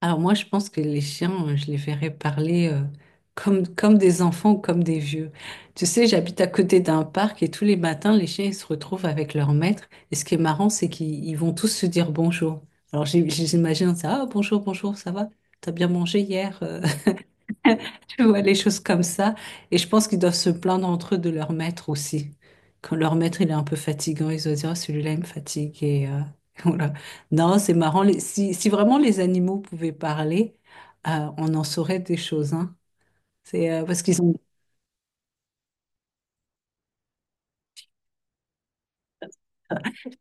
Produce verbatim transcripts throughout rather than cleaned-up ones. Alors moi, je pense que les chiens, euh, je les verrais parler euh, comme, comme des enfants ou comme des vieux. Tu sais, j'habite à côté d'un parc et tous les matins, les chiens, ils se retrouvent avec leur maître. Et ce qui est marrant, c'est qu'ils ils vont tous se dire bonjour. Alors j'ai- j'imagine ça, ah, bonjour, bonjour, ça va? T'as bien mangé hier? euh? Tu vois, les choses comme ça. Et je pense qu'ils doivent se plaindre entre eux de leur maître aussi. Quand leur maître, il est un peu fatigant, ils doivent dire, oh, celui-là, il me fatigue. Et, euh, voilà. Non, c'est marrant. Les- Si, si vraiment les animaux pouvaient parler, euh, on en saurait des choses, hein. C'est euh, parce qu'ils ont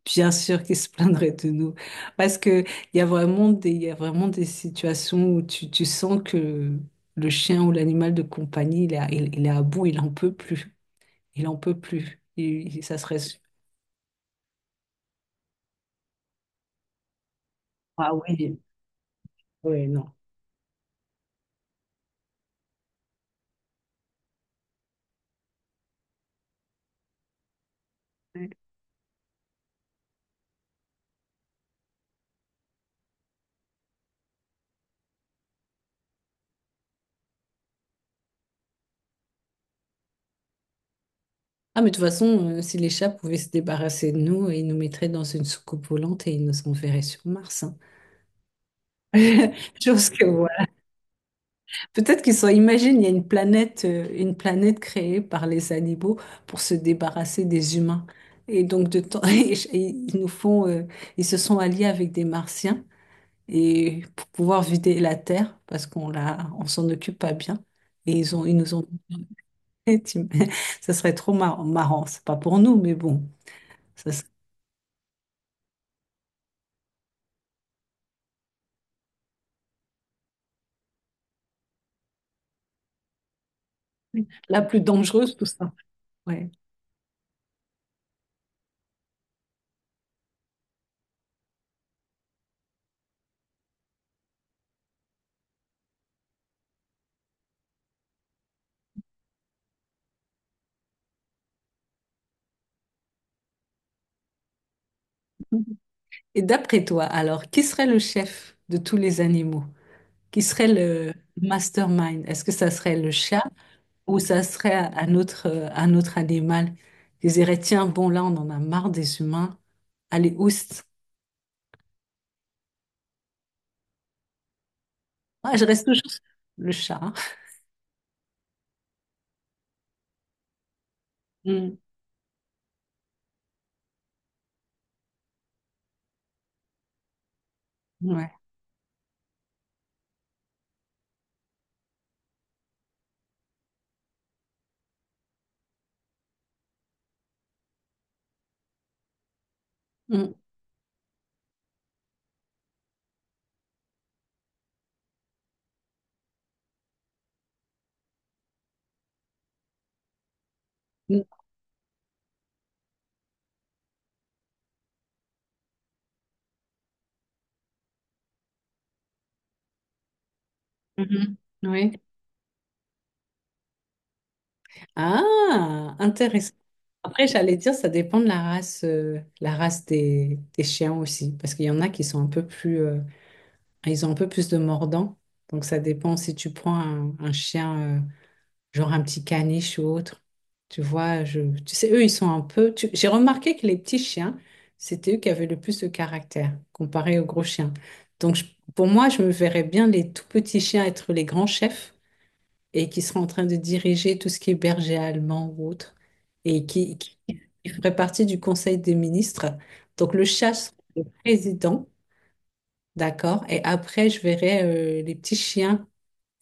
bien sûr qu'ils se plaindraient de nous. Parce que il y a vraiment des, il y a vraiment des situations où tu, tu sens que le chien ou l'animal de compagnie, il est à, il, il est à bout, il en peut plus. Il en peut plus. Il- il- ça serait... Ah oui. Oui, non. Ouais. Ah, mais de toute façon, euh, si les chats pouvaient se débarrasser de nous, ils nous mettraient dans une soucoupe volante et ils nous enverraient sur Mars, hein. Chose que voilà. Peut-être qu'ils sont, imagine, il y a une planète, euh, une planète créée par les animaux pour se débarrasser des humains. Et donc, de temps, et ils nous font, euh, ils se sont alliés avec des Martiens et pour pouvoir vider la Terre parce qu'on la, on s'en occupe pas bien. Et ils ont, ils nous ont, ça serait trop marrant, marrant. C'est pas pour nous, mais bon. Ça la plus dangereuse, tout ça. Ouais. Et d'après toi, alors, qui serait le chef de tous les animaux? Qui serait le mastermind? Est-ce que ça serait le chat ou ça serait un autre, euh, un autre animal qui dirait, tiens, bon, là, on en a marre des humains. Allez, oust. Ah, je reste toujours sur le chat, hein. Mm. Ouais. Mm. Mm. Mhm. Oui. Ah, intéressant. Après, j'allais dire, ça dépend de la race, euh, la race des, des chiens aussi, parce qu'il y en a qui sont un peu plus, euh. Ils ont un peu plus de mordant. Donc, ça dépend si tu prends un, un chien, euh, genre un petit caniche ou autre. Tu vois, je, tu sais, eux, ils sont un peu. tu- J'ai remarqué que les petits chiens, c'était eux qui avaient le plus de caractère comparé aux gros chiens. Donc, je- pour moi, je me verrais bien les tout petits chiens être les grands chefs et qui seraient en train de diriger tout ce qui est berger allemand ou autre et qui, qui, qui ferait partie du conseil des ministres. Donc, le chat serait président. D'accord. Et après, je verrai euh, les petits chiens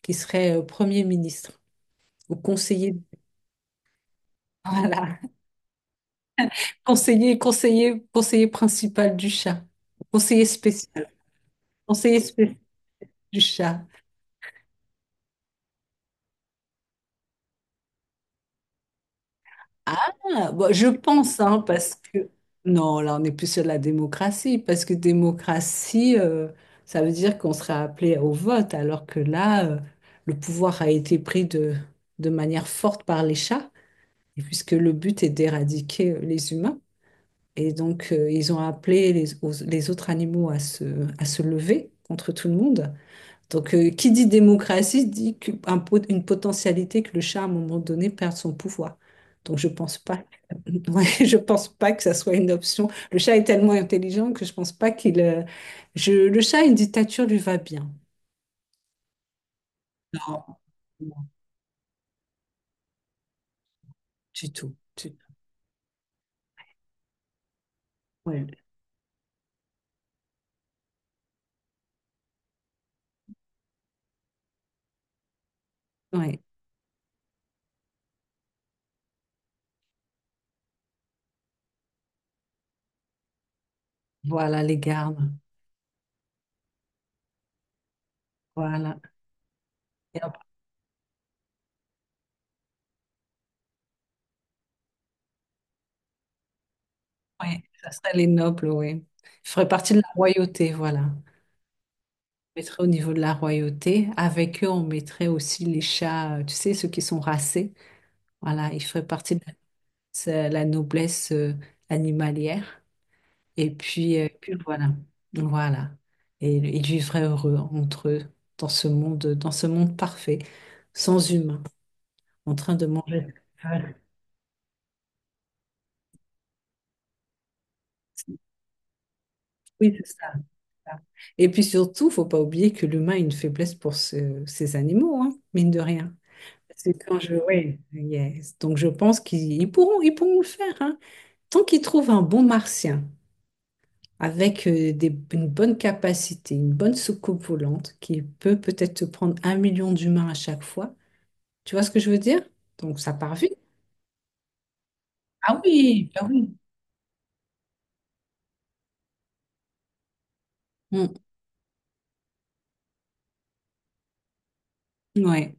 qui seraient euh, Premier ministre ou conseiller. Voilà. Conseiller, conseiller, conseiller principal du chat. Conseiller spécial. Conseiller spécial du chat. Ah, bon, je pense, hein, parce que... Non, là, on n'est plus sur la démocratie, parce que démocratie, euh, ça veut dire qu'on sera appelé au vote, alors que là, euh, le pouvoir a été pris de, de manière forte par les chats, et puisque le but est d'éradiquer euh, les humains. Et donc, euh, ils ont appelé les, aux- les autres animaux à se, à se lever contre tout le monde. Donc, euh, qui dit démocratie dit qu'un po- une potentialité que le chat, à un moment donné, perde son pouvoir. Donc, je pense pas, ouais, je pense pas que ça soit une option. Le chat est tellement intelligent que je pense pas qu'il... euh, je- le chat, une dictature lui va bien. Non, non, du tout. Du- ouais, ouais. Voilà les gardes. Voilà. Oui, ça serait les nobles, oui. Je ferais partie de la royauté, voilà. Je mettrais au niveau de la royauté. Avec eux, on mettrait aussi les chats, euh, tu sais, ceux qui sont racés. Voilà, ils feraient partie de la, c'est la noblesse euh, animalière. Et puis, euh, puis voilà. Voilà. Et ils vivraient heureux entre eux, dans ce monde, dans ce monde parfait, sans humains, en train de manger. Voilà. Oui, c'est ça. Et puis surtout, faut pas oublier que l'humain a une faiblesse pour ce- ces animaux, hein, mine de rien. C'est quand je... Oui, yes. Donc je pense qu'ils ils pourront, ils pourront le faire, hein. Tant qu'ils trouvent un bon martien avec euh, des- une bonne capacité, une bonne soucoupe volante, qui peut peut-être te prendre un million d'humains à chaque fois, tu vois ce que je veux dire? Donc ça part vite. Ah oui, bah oui. Mm. Ouais.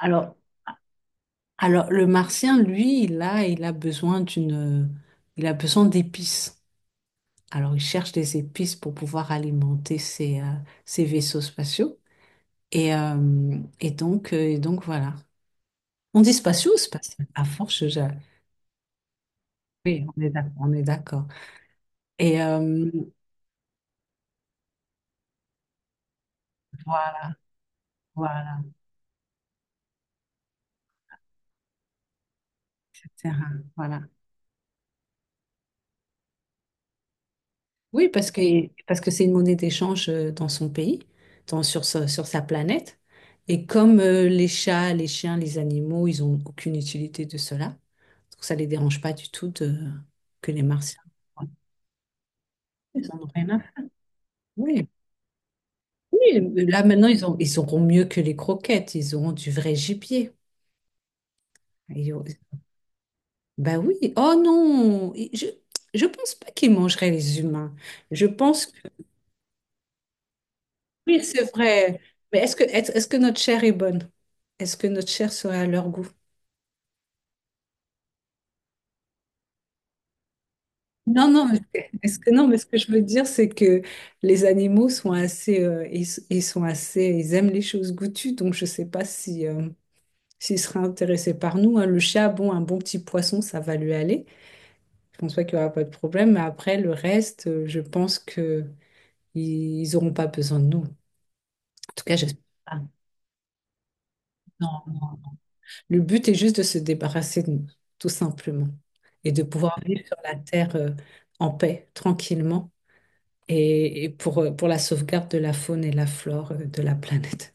Alors, alors, le martien, lui, il a, il a besoin d'une, il a besoin d'épices. Alors, ils cherchent des épices pour pouvoir alimenter ses, euh, ses vaisseaux spatiaux. Et, euh, et donc, euh, et donc, voilà. On dit spatiaux ou spatial? À force, je... Oui, on est d'accord. On est d'accord. Et euh, voilà, voilà, et cætera. Voilà. Oui, parce que, parce que c'est une monnaie d'échange euh, dans son pays, dans, sur, sa- sur sa planète. Et comme euh, les chats, les chiens, les animaux, ils n'ont aucune utilité de cela, donc ça ne les dérange pas du tout de, que les Martiens. Ils en ont rien à oui, oui, là maintenant ils ont, ils auront mieux que les croquettes, ils auront du vrai gibier. Ils auront- Bah oui, oh non, et je je pense pas qu'ils mangeraient les humains. Je pense que oui, c'est vrai. Mais est-ce que est-ce est-ce que notre chair est bonne? Est-ce que notre chair serait à leur goût? Non, non, mais est-ce que non, mais ce que je veux dire, c'est que les animaux sont assez, euh, ils, ils sont assez, ils aiment les choses goûtues, donc je sais pas si euh, s'ils seraient intéressés par nous, hein. Le chat, bon, un bon petit poisson, ça va lui aller. Je pense pas qu'il y aura pas de problème, mais après, le reste, euh, je pense que ils n'auront pas besoin de nous. En tout cas, j'espère pas. Non. Le but est juste de se débarrasser de nous, tout simplement, et de pouvoir vivre sur la terre euh, en paix, tranquillement, et, et pour, euh, pour la sauvegarde de la faune et la flore euh, de la planète.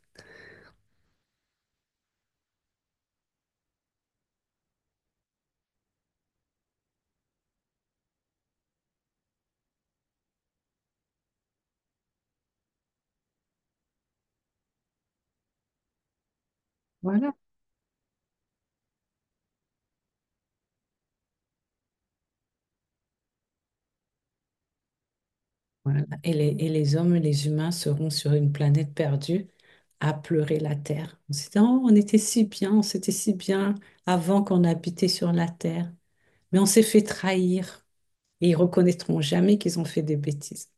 Voilà. Voilà. Et les, et les hommes et les humains seront sur une planète perdue à pleurer la terre. On se dit, oh, on était si bien, on s'était si bien avant qu'on habitait sur la terre. Mais on s'est fait trahir et ils reconnaîtront jamais qu'ils ont fait des bêtises.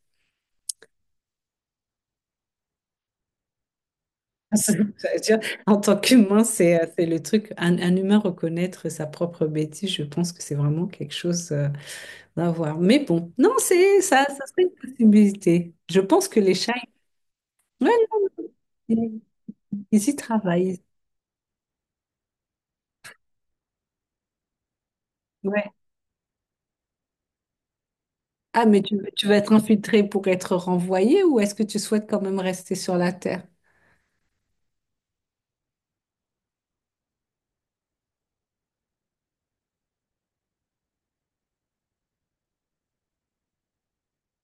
Ça veut dire, en tant qu'humain, c'est euh, c'est le truc. Un, un humain reconnaître sa propre bêtise, je pense que c'est vraiment quelque chose euh, à voir. Mais bon, non, c'est ça, ça serait une possibilité. Je pense que les chats, ouais, non, ils, ils y travaillent. Ouais. Ah, mais tu, tu vas être infiltré pour être renvoyé ou est-ce que tu souhaites quand même rester sur la Terre?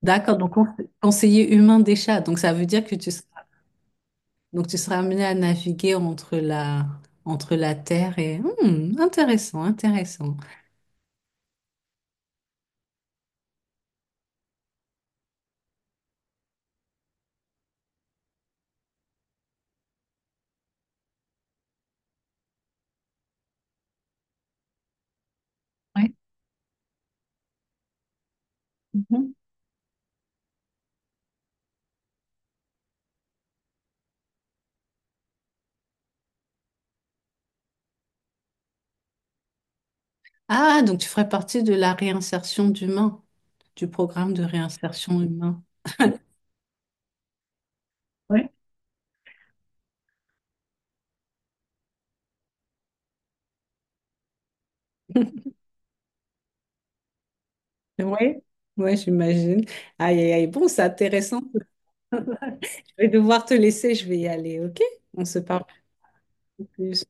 D'accord, donc on- conseiller humain des chats. Donc ça veut dire que tu donc tu seras amené à naviguer entre la, entre la Terre et... Hmm, intéressant, intéressant. Ouais. Mhm. Ah, donc tu ferais partie de la réinsertion d'humains, du programme de réinsertion humain. Ouais. Oui, ouais, j'imagine. Aïe, aïe, aïe. Bon, c'est intéressant. Je vais devoir te laisser, je vais y aller, ok? On se parle plus.